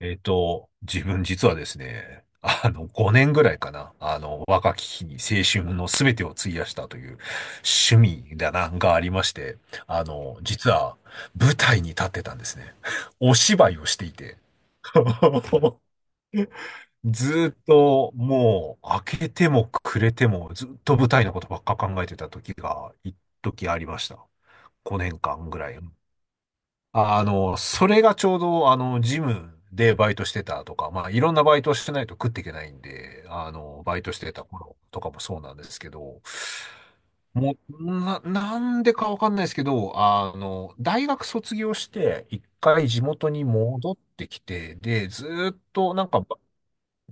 自分実はですね、5年ぐらいかな、若き日に青春の全てを費やしたという趣味だな、がありまして、実は舞台に立ってたんですね。お芝居をしていて。ずーっともう開けても暮れてもずっと舞台のことばっか考えてた時が、一時ありました。5年間ぐらい。それがちょうど、ジムでバイトしてたとか、まあ、いろんなバイトをしてないと食っていけないんで、バイトしてた頃とかもそうなんですけど、もう、なんでかわかんないですけど、大学卒業して、一回地元に戻ってきて、で、ずーっとなんか、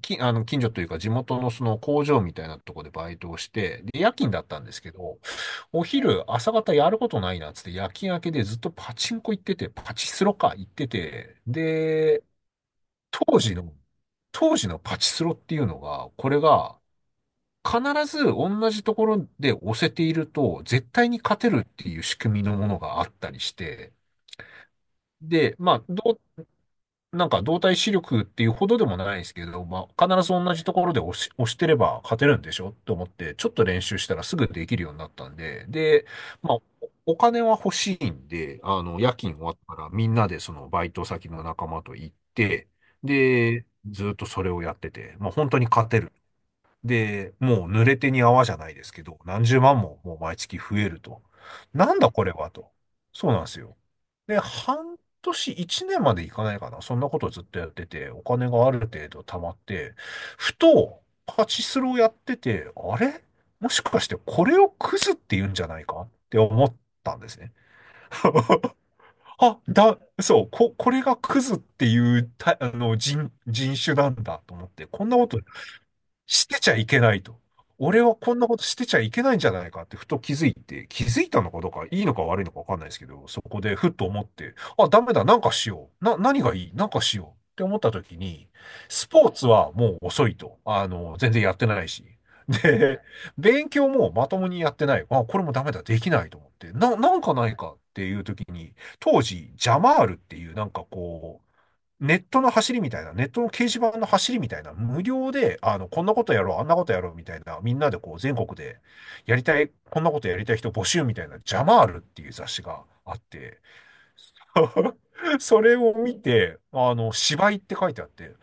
き、あの、近所というか地元のその工場みたいなとこでバイトをして、で、夜勤だったんですけど、お昼、朝方やることないなっつって夜勤明けでずっとパチンコ行ってて、パチスロか行ってて、で、当時の、当時のパチスロっていうのが、これが必ず同じところで押せていると、絶対に勝てるっていう仕組みのものがあったりして、で、まあ、なんか動体視力っていうほどでもないですけど、まあ、必ず同じところで押してれば勝てるんでしょと思って、ちょっと練習したらすぐできるようになったんで、で、まあ、お金は欲しいんで、夜勤終わったらみんなでそのバイト先の仲間と行って、で、ずっとそれをやってて、まあ、本当に勝てる。で、もう濡れ手に泡じゃないですけど、何十万ももう毎月増えると。なんだこれはと。そうなんですよ。で、半年、1年までいかないかな。そんなことをずっとやってて、お金がある程度貯まって、ふと、パチスロをやってて、あれもしかしてこれをクズって言うんじゃないかって思ったんですね。あ、そう、これがクズっていうた、あの、人種なんだと思って、こんなことしてちゃいけないと。俺はこんなことしてちゃいけないんじゃないかってふと気づいて、気づいたのかどうか、いいのか悪いのかわかんないですけど、そこでふっと思って、あ、ダメだ、なんかしよう。何がいいなんかしようって思った時に、スポーツはもう遅いと。全然やってないし。で、勉強もまともにやってない。あ、これもダメだ、できないと思って。なんかないかっていう時に、当時、ジャマールっていうなんかこう、ネットの走りみたいな、ネットの掲示板の走りみたいな、無料で、こんなことやろう、あんなことやろうみたいな、みんなでこう、全国で、やりたい、こんなことやりたい人募集みたいな、ジャマールっていう雑誌があって、それを見て、芝居って書いてあって、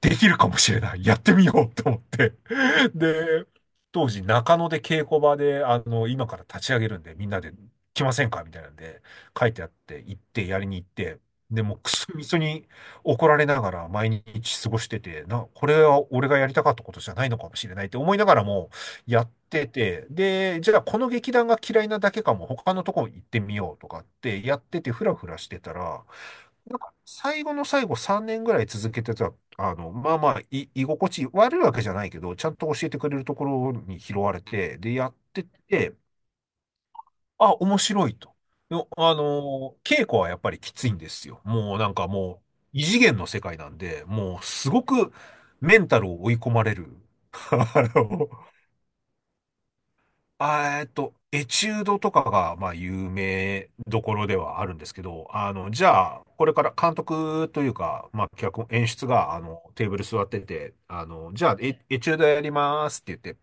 できるかもしれない、やってみようと思って、で、当時中野で稽古場で、今から立ち上げるんで、みんなで来ませんかみたいなんで、書いてあって、行って、やりに行って、で、もうくそみそに怒られながら毎日過ごしてて、これは俺がやりたかったことじゃないのかもしれないって思いながらもやってて、で、じゃあこの劇団が嫌いなだけかも、他のとこ行ってみようとかってやってて、ふらふらしてたら、なんか最後の最後3年ぐらい続けてた、まあまあ、居心地悪いわけじゃないけど、ちゃんと教えてくれるところに拾われて、で、やってて、あ、面白いと。の、あの、稽古はやっぱりきついんですよ。もうなんかもう、異次元の世界なんで、もうすごくメンタルを追い込まれる。あのエチュードとかが、まあ、有名どころではあるんですけど、じゃあ、これから監督というか、まあ、脚本、演出が、テーブル座ってて、じゃあ、エチュードやりますって言って、っ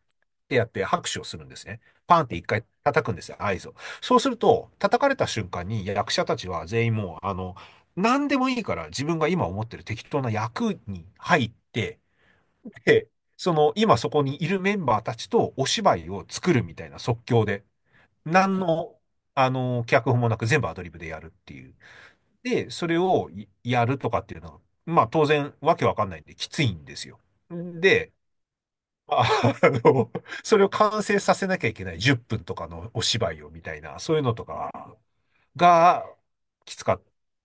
てやって拍手をするんですね。パンって一回叩くんですよ、合図を。そうすると、叩かれた瞬間に役者たちは全員もう、何でもいいから自分が今思ってる適当な役に入って、で、その、今そこにいるメンバーたちとお芝居を作るみたいな即興で、何の、あの、脚本もなく全部アドリブでやるっていう。で、それをやるとかっていうのは、まあ当然わけわかんないんできついんですよ。で、あ あの、それを完成させなきゃいけない10分とかのお芝居をみたいな、そういうのとかがきつかっ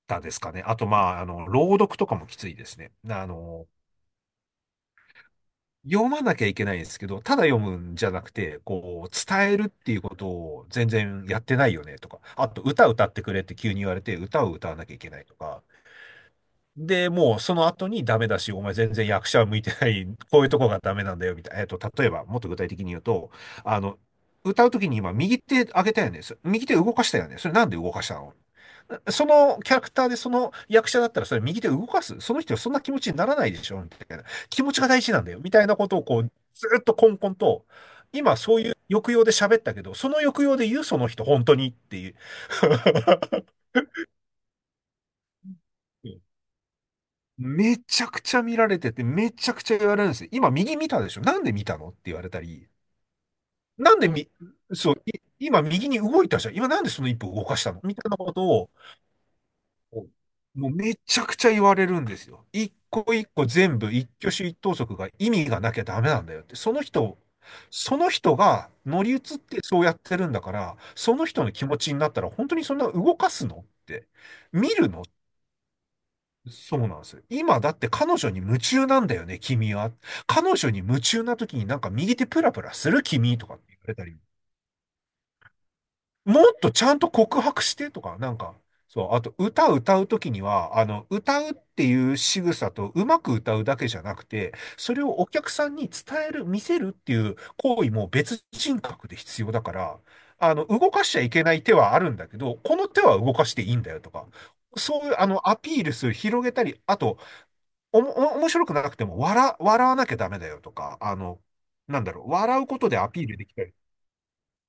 たですかね。あと、まあ、朗読とかもきついですね。読まなきゃいけないんですけど、ただ読むんじゃなくて、こう、伝えるっていうことを全然やってないよねとか、あと歌歌ってくれって急に言われて、歌を歌わなきゃいけないとか、で、もうその後にダメだし、お前全然役者向いてない、こういうとこがダメなんだよ、みたいな。例えば、もっと具体的に言うと、あの、歌うときに今、右手上げたよね。右手動かしたよね。それなんで動かしたの。そのキャラクターでその役者だったらそれ右手動かす。その人はそんな気持ちにならないでしょみたいな。気持ちが大事なんだよ。みたいなことをこう、ずっとコンコンと、今そういう抑揚で喋ったけど、その抑揚で言うその人、本当にっていう。めちゃくちゃ見られてて、めちゃくちゃ言われるんですよ。今右見たでしょなんで見たのって言われたり、なんでみ、そう、今右に動いたじゃん。今なんでその1歩動かしたのみたいなことを、もうめちゃくちゃ言われるんですよ。一個一個全部一挙手一投足が意味がなきゃダメなんだよって。その人が乗り移ってそうやってるんだから、その人の気持ちになったら本当にそんな動かすのって、見るのそうなんですよ。今だって彼女に夢中なんだよね、君は。彼女に夢中な時になんか右手プラプラする君とかって言われたり、もっとちゃんと告白してとか、なんか、そう、あと歌歌う時には、歌うっていう仕草とうまく歌うだけじゃなくて、それをお客さんに伝える、見せるっていう行為も別人格で必要だから、動かしちゃいけない手はあるんだけど、この手は動かしていいんだよとか、そういう、アピールする、広げたり、あと、お面白くなくても、笑わなきゃダメだよとか、なんだろう、笑うことでアピールできたり。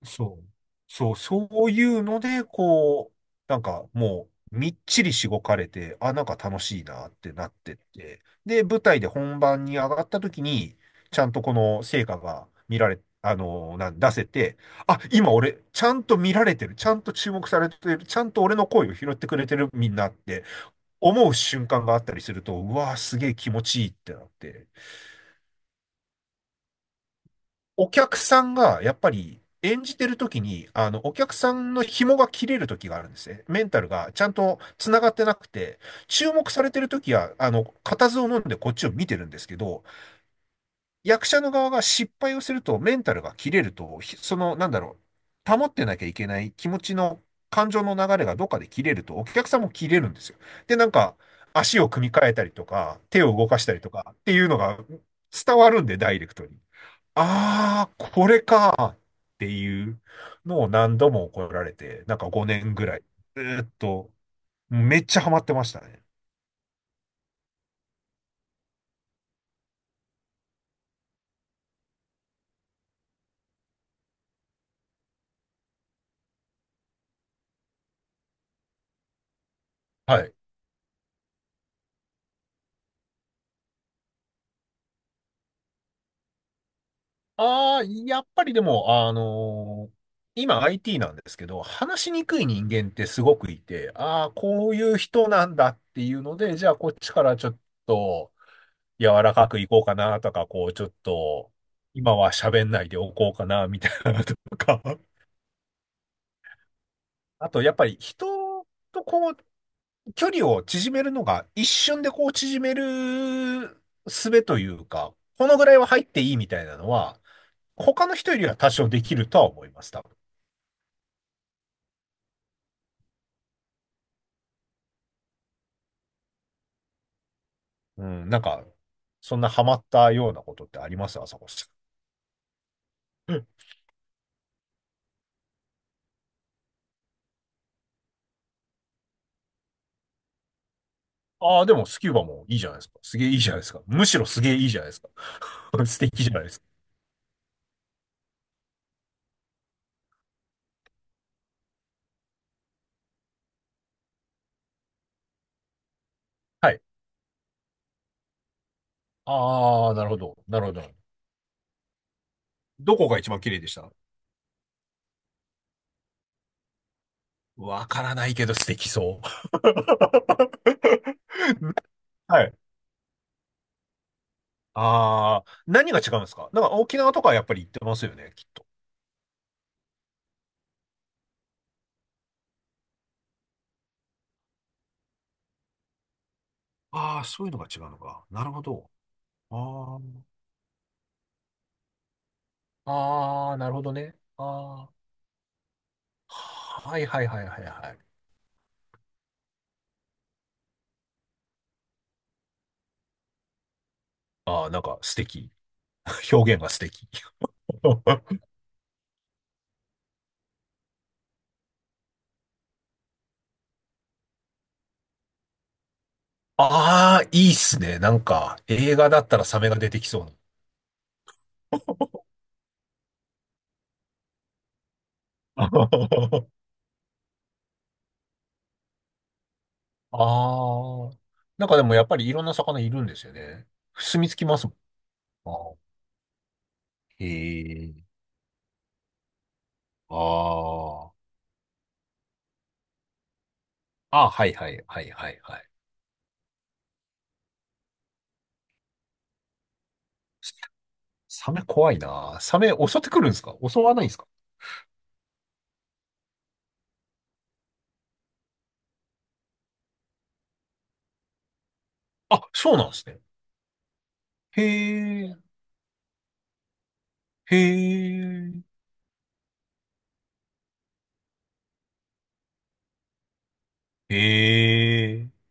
そう。そう、そういうので、こう、なんか、みっちりしごかれて、あ、なんか楽しいなってなってって、で、舞台で本番に上がった時に、ちゃんとこの成果が見られ、あの、なん、出せて、あ、今俺、ちゃんと見られてる、ちゃんと注目されてる、ちゃんと俺の声を拾ってくれてるみんなって、思う瞬間があったりすると、うわーすげえ気持ちいいってなって。お客さんが、やっぱり、演じてる時に、お客さんの紐が切れる時があるんですね。メンタルがちゃんと繋がってなくて、注目されてる時は、固唾を飲んでこっちを見てるんですけど、役者の側が失敗をすると、メンタルが切れると、ひその、なんだろう、保ってなきゃいけない気持ちの、感情の流れがどっかで切れると、お客さんも切れるんですよ。で、なんか、足を組み替えたりとか、手を動かしたりとかっていうのが伝わるんで、ダイレクトに。ああ、これかっていうのを何度も怒られて、なんか5年ぐらい、ずーっと、めっちゃハマってましたね。はい。ああ、やっぱりでも、今 IT なんですけど、話しにくい人間ってすごくいて、ああ、こういう人なんだっていうので、じゃあこっちからちょっと柔らかくいこうかなとか、こうちょっと今は喋んないでおこうかなみたいなのとか。あとやっぱり人とこう距離を縮めるのが一瞬でこう縮める術というか、このぐらいは入っていいみたいなのは、他の人よりは多少できるとは思います、多分。うん、なんか、そんなハマったようなことってあります朝子さん。うん。ああ、でもスキューバもいいじゃないですか。すげえいいじゃないですか。むしろすげえいいじゃないですか。素敵じゃないですか。はい。ああ、なるほど。なるほど。どこが一番綺麗でした？わからないけど素敵そう。はい。ああ、何が違うんですか？なんか沖縄とかはやっぱり行ってますよね、きっと。ああ、そういうのが違うのか。なるほど。ああ、ああ、なるほどね。ああ、はいはいはいはいはい。ああ、なんか素敵。表現が素敵。ああ、いいっすね。なんか、映画だったらサメが出てきそうな。ああ。なんかでもやっぱりいろんな魚いるんですよね。住み着きますもん。あーへえ。ああ。ああ、はいはいはいはいはい。サメ怖いな。サメ襲ってくるんですか？襲わないんですか？あ、そうなんですね。へえ。へえ。へえ。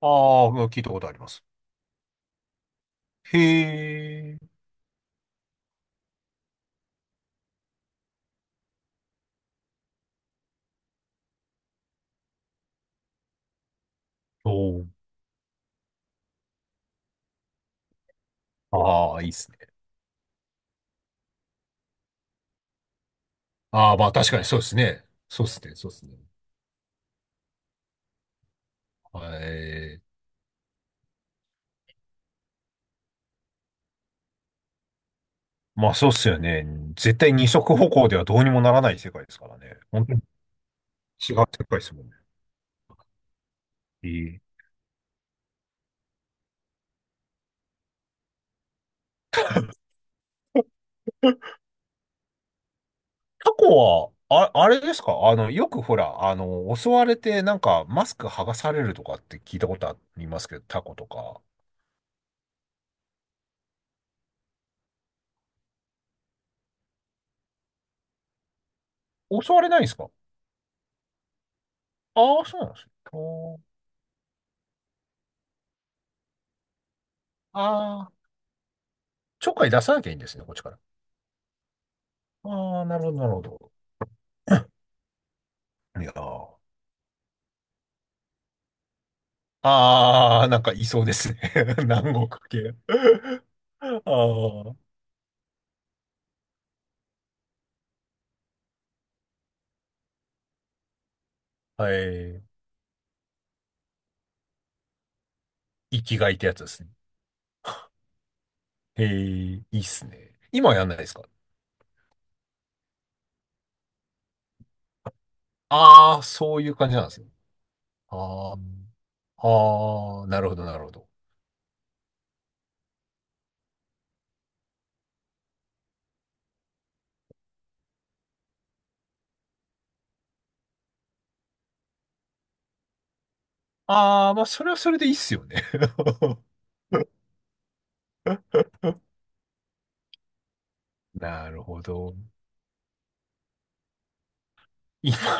ああ、聞いたことあります。へえ。おー。ああ、いいっすね。ああ、まあ確かにそうですね。そうですね、そうですね。はい。まあそうっすよね。絶対二足歩行ではどうにもならない世界ですからね。本当に違う世界ですもんね。ええ。タコは、あ、あれですか？あの、よくほら、あの、襲われてなんかマスク剥がされるとかって聞いたことありますけど、タコとか。襲われないんですか？ああ、そうなんですね。と、ああ、ちょっかい出さなきゃいいんですね、こっちから。ああ、なるほど、なるほど。いやー。ああ、なんかいそうですね。南国系。ああ、はい。生きがいってやつですね。へえ、いいっすね。今はやんないですか？ああー、そういう感じなんですね。ああ、ああ、なるほど、なるほど。ああ、まあ、それはそれでいいっすよね。なるほど。今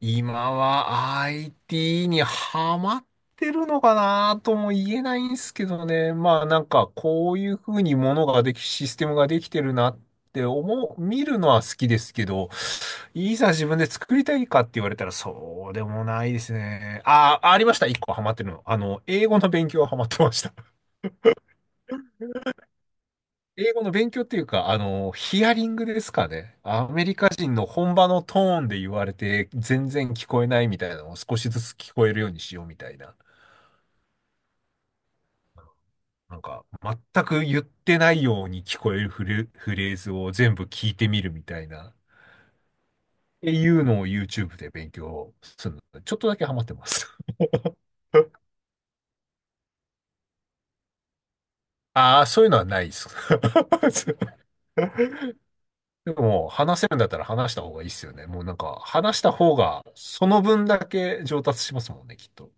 今は IT にハマってるのかなとも言えないんですけどね。まあなんかこういうふうにものができ、システムができてるなって見るのは好きですけど、いざ自分で作りたいかって言われたらそうでもないですね。ああ、ありました。一個ハマってるの。あの、英語の勉強はハマってました。英語の勉強っていうか、あの、ヒアリングですかね。アメリカ人の本場のトーンで言われて、全然聞こえないみたいなのを少しずつ聞こえるようにしようみたいな。なんか、全く言ってないように聞こえるフレーズを全部聞いてみるみたいな。っていうのを YouTube で勉強するの。ちょっとだけハマってます。ああ、そういうのはないです。でも、話せるんだったら話した方がいいっすよね。もうなんか、話した方が、その分だけ上達しますもんね、きっと。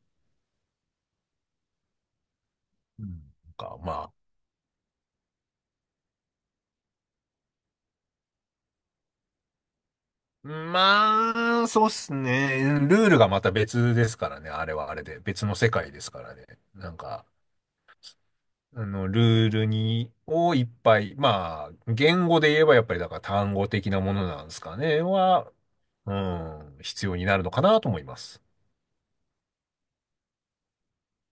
うんか、まあ、まあ、そうっすね。ルールがまた別ですからね。あれはあれで。別の世界ですからね。なんか、ルールをいっぱい、まあ、言語で言えばやっぱりだから単語的なものなんですかね。は、うん、必要になるのかなと思います。